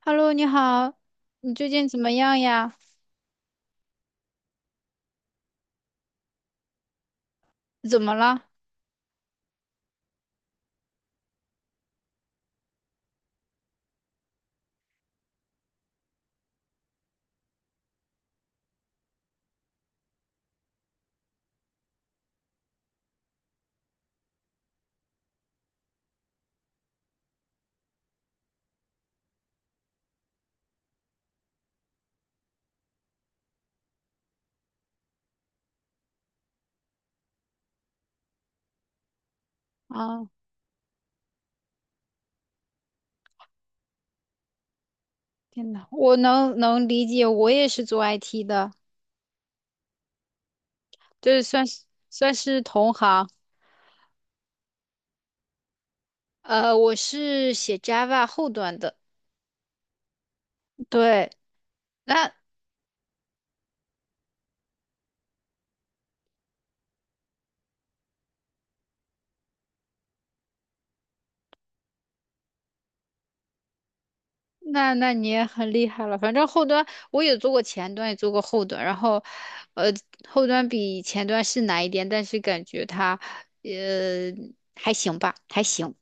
Hello，你好，你最近怎么样呀？怎么了？啊，天呐，我能理解，我也是做 IT 的，就是算是同行。我是写 Java 后端的。对，那那你也很厉害了。反正后端我也做过前端，也做过后端，然后呃，后端比前端是难一点，但是感觉它呃还行吧，还行。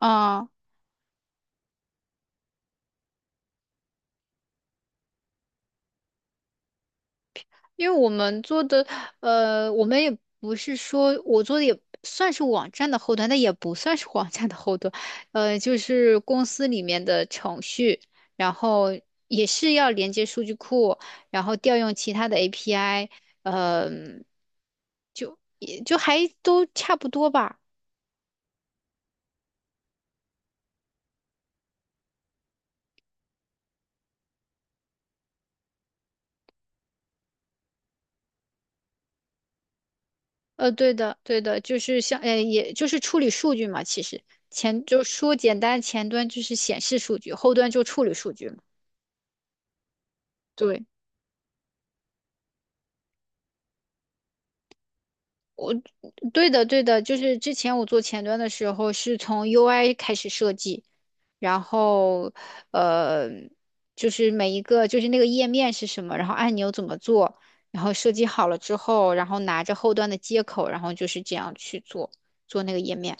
啊。因为我们做的，我们也不是说我做的也算是网站的后端，但也不算是网站的后端，就是公司里面的程序，然后也是要连接数据库，然后调用其他的 API。嗯、就也就还都差不多吧。对的，对的，就是像，也就是处理数据嘛。其实前就说简单，前端就是显示数据，后端就处理数据嘛。对。对的，对的，就是之前我做前端的时候是从 UI 开始设计，然后呃，就是每一个就是那个页面是什么，然后按钮怎么做，然后设计好了之后，然后拿着后端的接口，然后就是这样去做那个页面。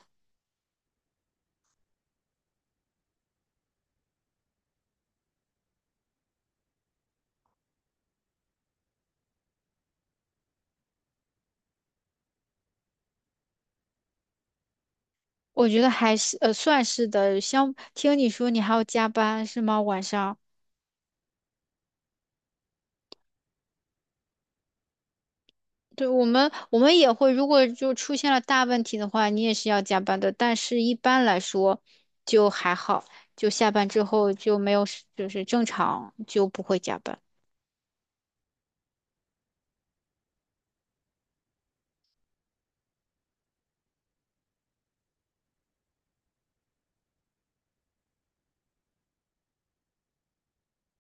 我觉得还是算是的，像听你说你还要加班是吗？晚上？对，我们也会，如果就出现了大问题的话，你也是要加班的。但是一般来说就还好，就下班之后就没有事就是正常就不会加班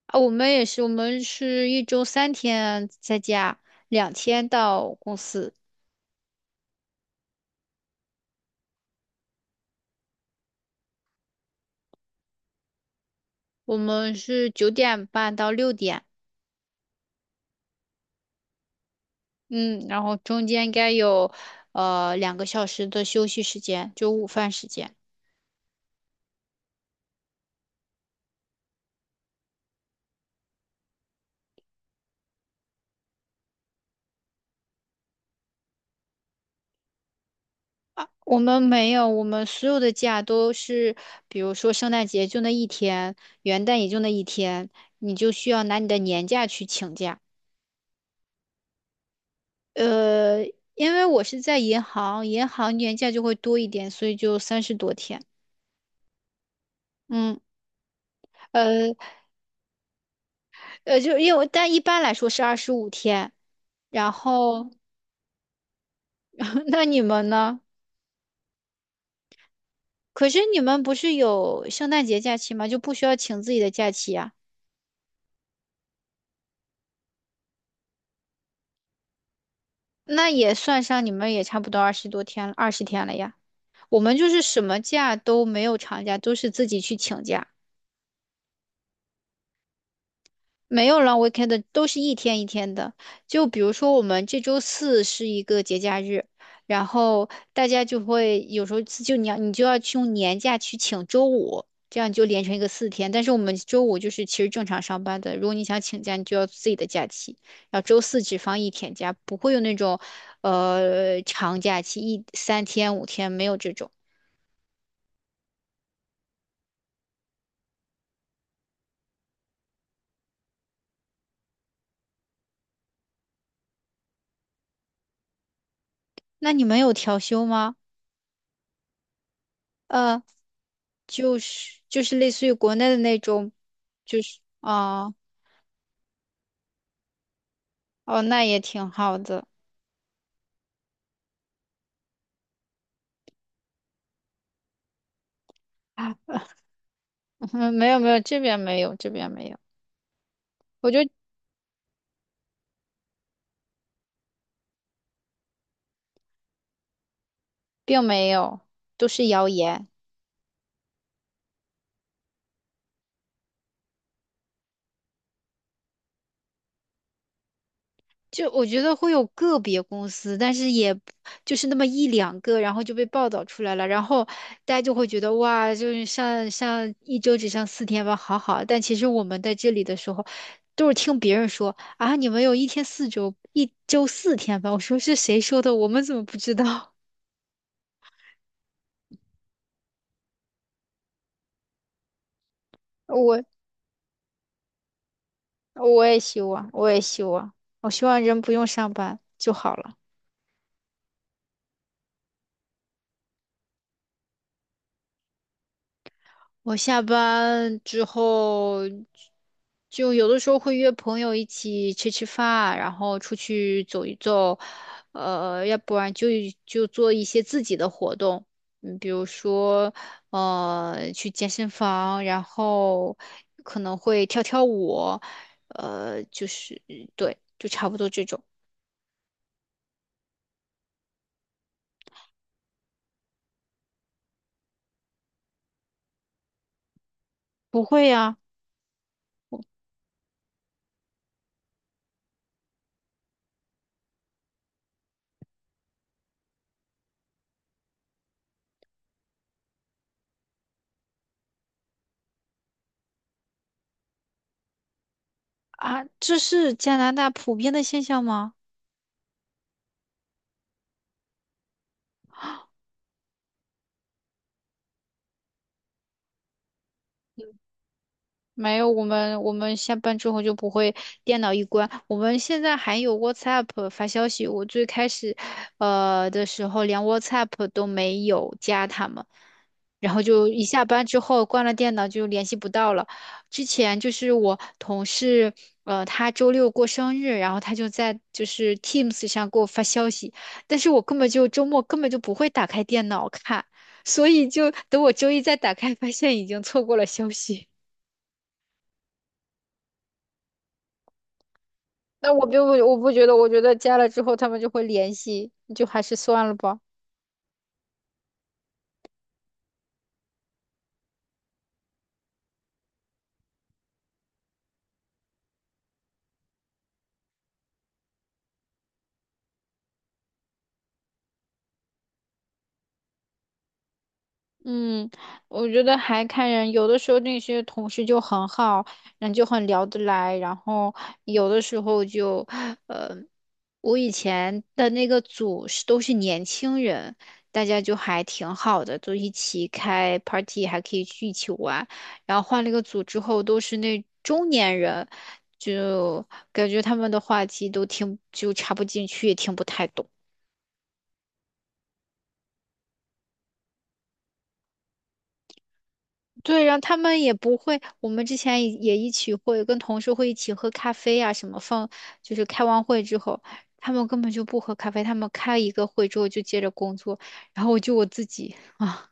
啊。我们也是，我们是一周三天在家，两天到公司。我们是九点半到六点，嗯，然后中间应该有两个小时的休息时间，就午饭时间。我们没有，我们所有的假都是，比如说圣诞节就那一天，元旦也就那一天，你就需要拿你的年假去请假。呃，因为我是在银行，银行年假就会多一点，所以就三十多天。嗯，呃就因为但一般来说是二十五天。然后，那你们呢？可是你们不是有圣诞节假期吗？就不需要请自己的假期呀、那也算上，你们也差不多二十多天了，二十天了呀。我们就是什么假都没有长假，都是自己去请假，没有 long weekend 的，都是一天一天的。就比如说我们这周四是一个节假日，然后大家就会有时候就你就要去用年假去请周五，这样就连成一个四天。但是我们周五就是其实正常上班的，如果你想请假，你就要自己的假期，然后周四只放一天假，不会有那种长假期一三天五天没有这种。那你们有调休吗？呃，就是类似于国内的那种。就是哦哦，那也挺好的。啊。没有，这边没有，这边没有，我觉得并没有，都是谣言。就我觉得会有个别公司，但是也不就是那么一两个，然后就被报道出来了，然后大家就会觉得哇，就是上一周只上四天班，好好。但其实我们在这里的时候，都是听别人说啊，你们有一天四周，一周四天班。我说是谁说的？我们怎么不知道？我我也希望，我也希望，我希望人不用上班就好了。我下班之后，就有的时候会约朋友一起吃吃饭，然后出去走一走，要不然就就做一些自己的活动。嗯，比如说，去健身房，然后可能会跳跳舞，就是对，就差不多这种。不会呀，啊，这是加拿大普遍的现象吗？没有，我们下班之后就不会电脑一关。我们现在还有 WhatsApp 发消息。我最开始，的时候连 WhatsApp 都没有加他们，然后就一下班之后关了电脑就联系不到了。之前就是我同事，他周六过生日，然后他就在就是 Teams 上给我发消息，但是我根本就周末根本就不会打开电脑看，所以就等我周一再打开，发现已经错过了消息。那我并不，我不觉得，我觉得加了之后他们就会联系，就还是算了吧。嗯，我觉得还看人，有的时候那些同事就很好，然后就很聊得来，然后有的时候就，呃，我以前的那个组是都是年轻人，大家就还挺好的，都一起开 party，还可以去一起玩。然后换了一个组之后，都是那中年人，就感觉他们的话题都听就插不进去，也听不太懂。对，然后他们也不会，我们之前也也一起会跟同事会一起喝咖啡啊，什么放，就是开完会之后，他们根本就不喝咖啡，他们开一个会之后就接着工作，然后我就我自己啊。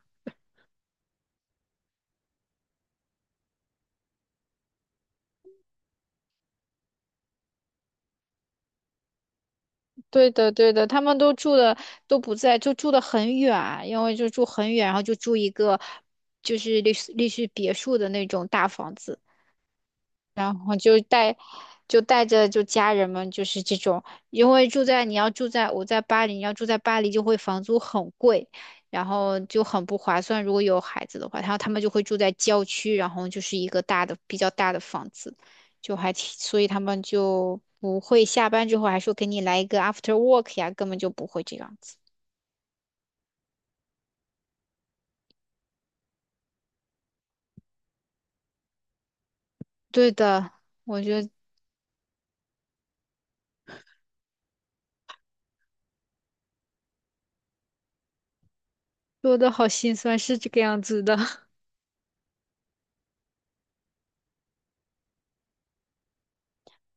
对的对的，他们都住的都不在，就住的很远，因为就住很远，然后就住一个就是类似别墅的那种大房子。然后就带就带着就家人们就是这种，因为住在你要住在我在巴黎，你要住在巴黎就会房租很贵，然后就很不划算。如果有孩子的话，然后他们就会住在郊区，然后就是一个大的比较大的房子，就还挺，所以他们就不会下班之后还说给你来一个 after work 呀，根本就不会这样子。对的，我觉得说的好心酸，是这个样子的。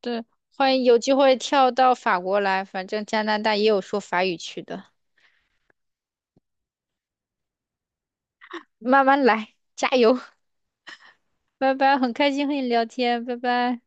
对，欢迎有机会跳到法国来，反正加拿大也有说法语区的，慢慢来，加油，拜拜，很开心和你聊天，拜拜。